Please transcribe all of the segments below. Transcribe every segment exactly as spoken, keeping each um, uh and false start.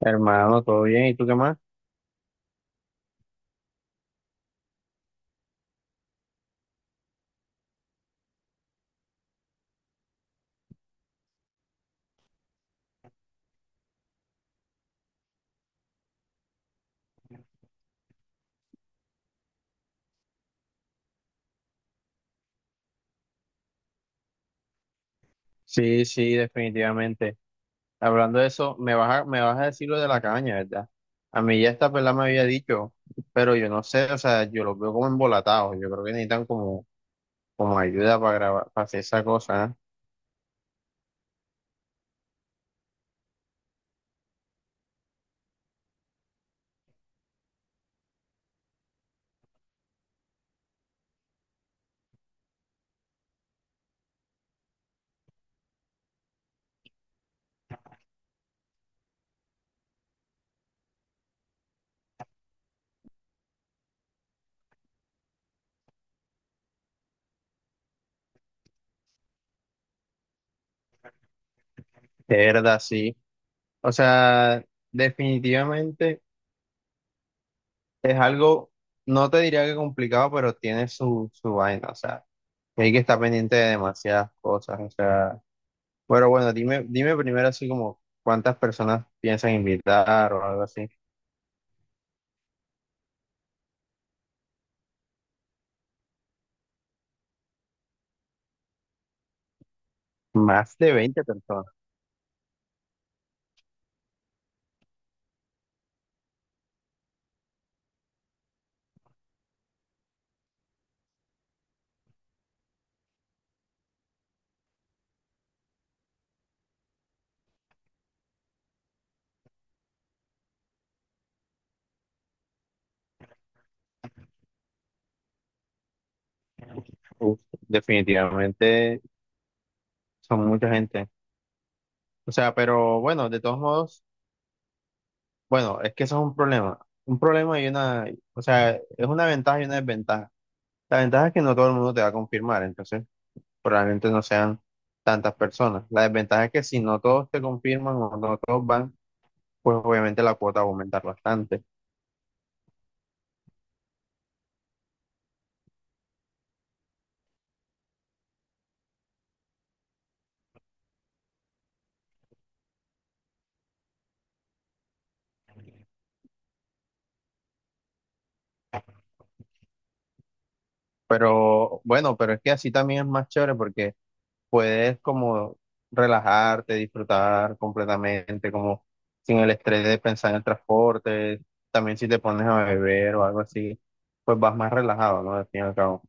Hermano, ¿todo bien? ¿Y tú qué más? Sí, sí, definitivamente. Hablando de eso, me vas a, me vas a decir lo de la caña, ¿verdad? A mí ya esta pelada me había dicho, pero yo no sé, o sea, yo los veo como embolatados. Yo creo que necesitan como, como ayuda para grabar, para hacer esa cosa, ¿eh? De verdad, sí. O sea, definitivamente es algo, no te diría que complicado, pero tiene su, su vaina, o sea, hay que estar pendiente de demasiadas cosas, o sea. Pero bueno, dime, dime primero así como cuántas personas piensan invitar o algo así. Más de veinte personas. Uf, definitivamente son mucha gente. O sea, pero bueno, de todos modos, bueno, es que eso es un problema. Un problema y una, o sea, es una ventaja y una desventaja. La ventaja es que no todo el mundo te va a confirmar, entonces probablemente no sean tantas personas. La desventaja es que si no todos te confirman o no todos van, pues obviamente la cuota va a aumentar bastante. Pero bueno, pero es que así también es más chévere porque puedes como relajarte, disfrutar completamente, como sin el estrés de pensar en el transporte. También si te pones a beber o algo así, pues vas más relajado, ¿no? Al fin y al cabo.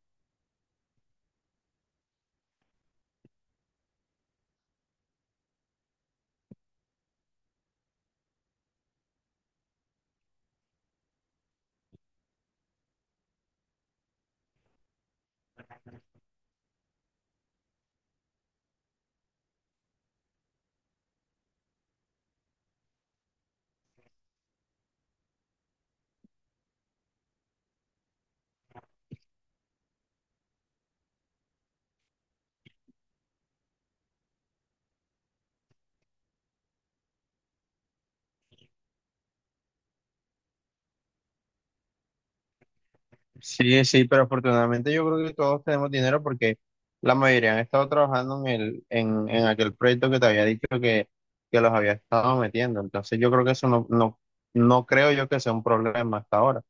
Sí, sí, pero afortunadamente yo creo que todos tenemos dinero porque la mayoría han estado trabajando en el, en, en aquel proyecto que te había dicho que, que los había estado metiendo. Entonces yo creo que eso no, no, no creo yo que sea un problema hasta ahora.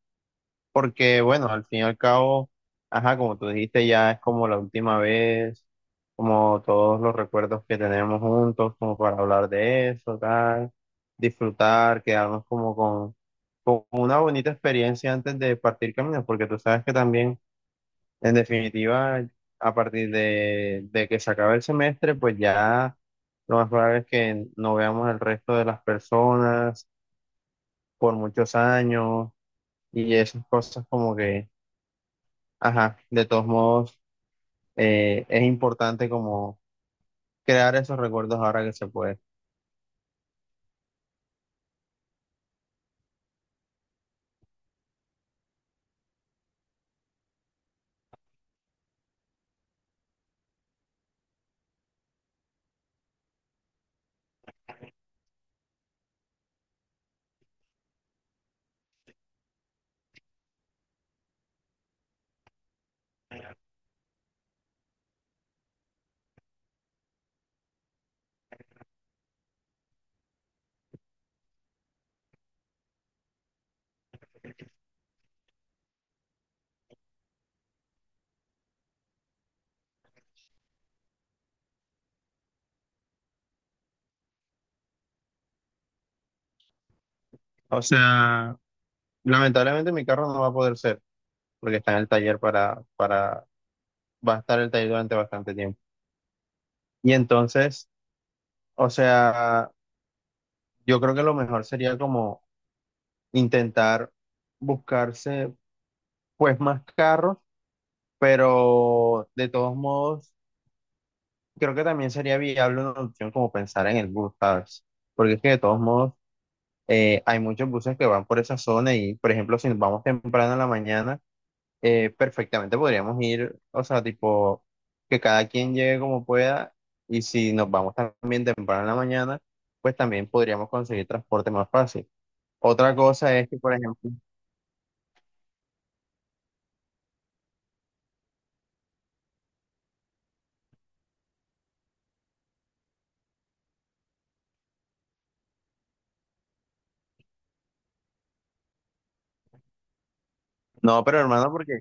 Porque, bueno, al fin y al cabo, ajá, como tú dijiste, ya es como la última vez, como todos los recuerdos que tenemos juntos, como para hablar de eso, tal, disfrutar, quedarnos como con, con una bonita experiencia antes de partir caminos, porque tú sabes que también, en definitiva, a partir de, de que se acabe el semestre, pues ya lo más probable es que no veamos el resto de las personas por muchos años y esas cosas como que ajá, de todos modos, eh, es importante como crear esos recuerdos ahora que se puede. O sea, lamentablemente mi carro no va a poder ser, porque está en el taller para, para, va a estar el taller durante bastante tiempo. Y entonces, o sea, yo creo que lo mejor sería como intentar buscarse pues más carros, pero de todos modos, creo que también sería viable una opción como pensar en el bus, ¿sabes? Porque es que de todos modos eh, hay muchos buses que van por esa zona y, por ejemplo, si nos vamos temprano en la mañana, eh, perfectamente podríamos ir, o sea, tipo, que cada quien llegue como pueda y si nos vamos también temprano en la mañana, pues también podríamos conseguir transporte más fácil. Otra cosa es que, por ejemplo, no, pero hermano, porque,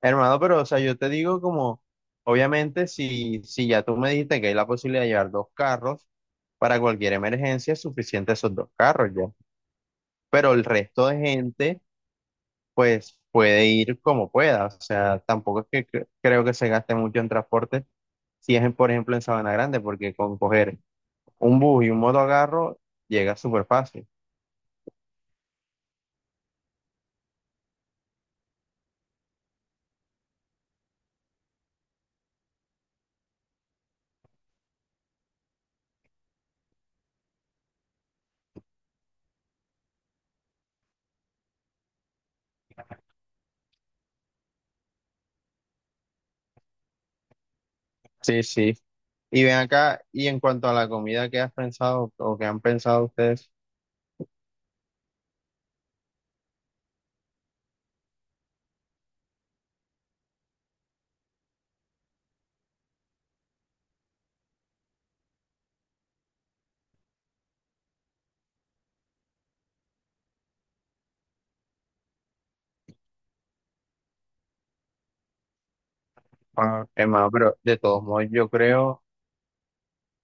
hermano, pero, o sea, yo te digo como, obviamente, si, si ya tú me dijiste que hay la posibilidad de llevar dos carros, para cualquier emergencia es suficiente esos dos carros ya. Pero el resto de gente pues puede ir como pueda. O sea, tampoco es que cre- creo que se gaste mucho en transporte si es, en, por ejemplo, en Sabana Grande, porque con coger un bus y un motocarro llega súper fácil. Sí, sí. Y ven acá, y en cuanto a la comida que has pensado o que han pensado ustedes, ah, hermano, pero de todos modos, yo creo,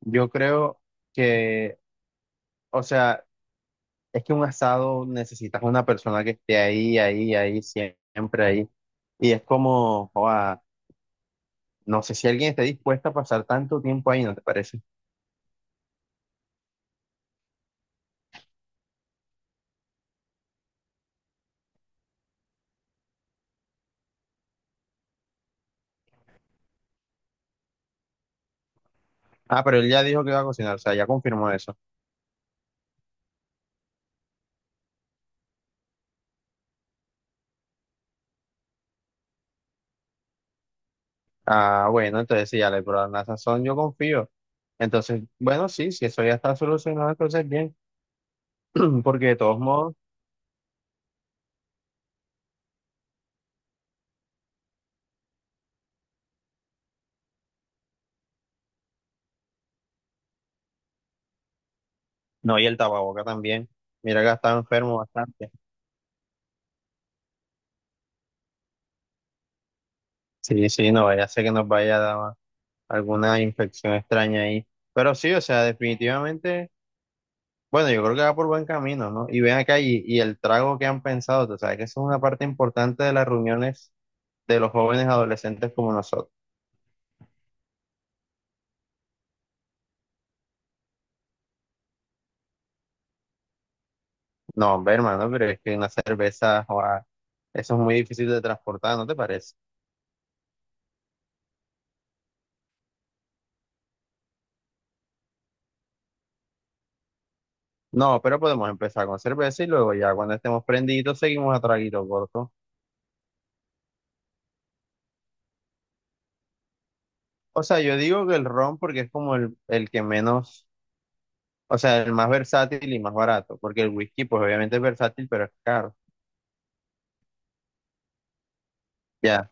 yo creo que, o sea, es que un asado necesitas una persona que esté ahí, ahí, ahí, siempre ahí. Y es como, joda, no sé si alguien está dispuesto a pasar tanto tiempo ahí, ¿no te parece? Ah, pero él ya dijo que iba a cocinar, o sea, ya confirmó eso. Ah, bueno, entonces sí, ya le probaron la sazón, yo confío. Entonces, bueno, sí, si eso ya está solucionado, entonces bien, porque de todos modos, no, y el tapaboca también. Mira que ha estado enfermo bastante. Sí, sí, no, ya sé que nos vaya a dar alguna infección extraña ahí. Pero sí, o sea, definitivamente, bueno, yo creo que va por buen camino, ¿no? Y ven acá, y, y el trago que han pensado, tú sabes que eso es una parte importante de las reuniones de los jóvenes adolescentes como nosotros. No, hombre, hermano, pero es que una cerveza, joa, eso es muy difícil de transportar, ¿no te parece? No, pero podemos empezar con cerveza y luego ya cuando estemos prendidos seguimos a traguito corto. O sea, yo digo que el ron porque es como el, el que menos, o sea, el más versátil y más barato, porque el whisky pues obviamente es versátil, pero es caro. Ya,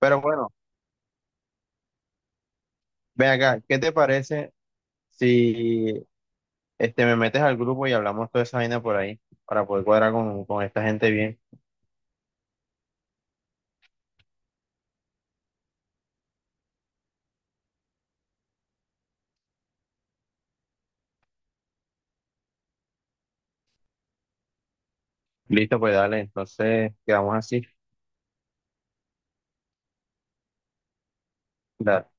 pero bueno, ven acá, ¿qué te parece si este, me metes al grupo y hablamos toda esa vaina por ahí para poder cuadrar con, con esta gente bien? Listo, pues dale, entonces quedamos así. Dale.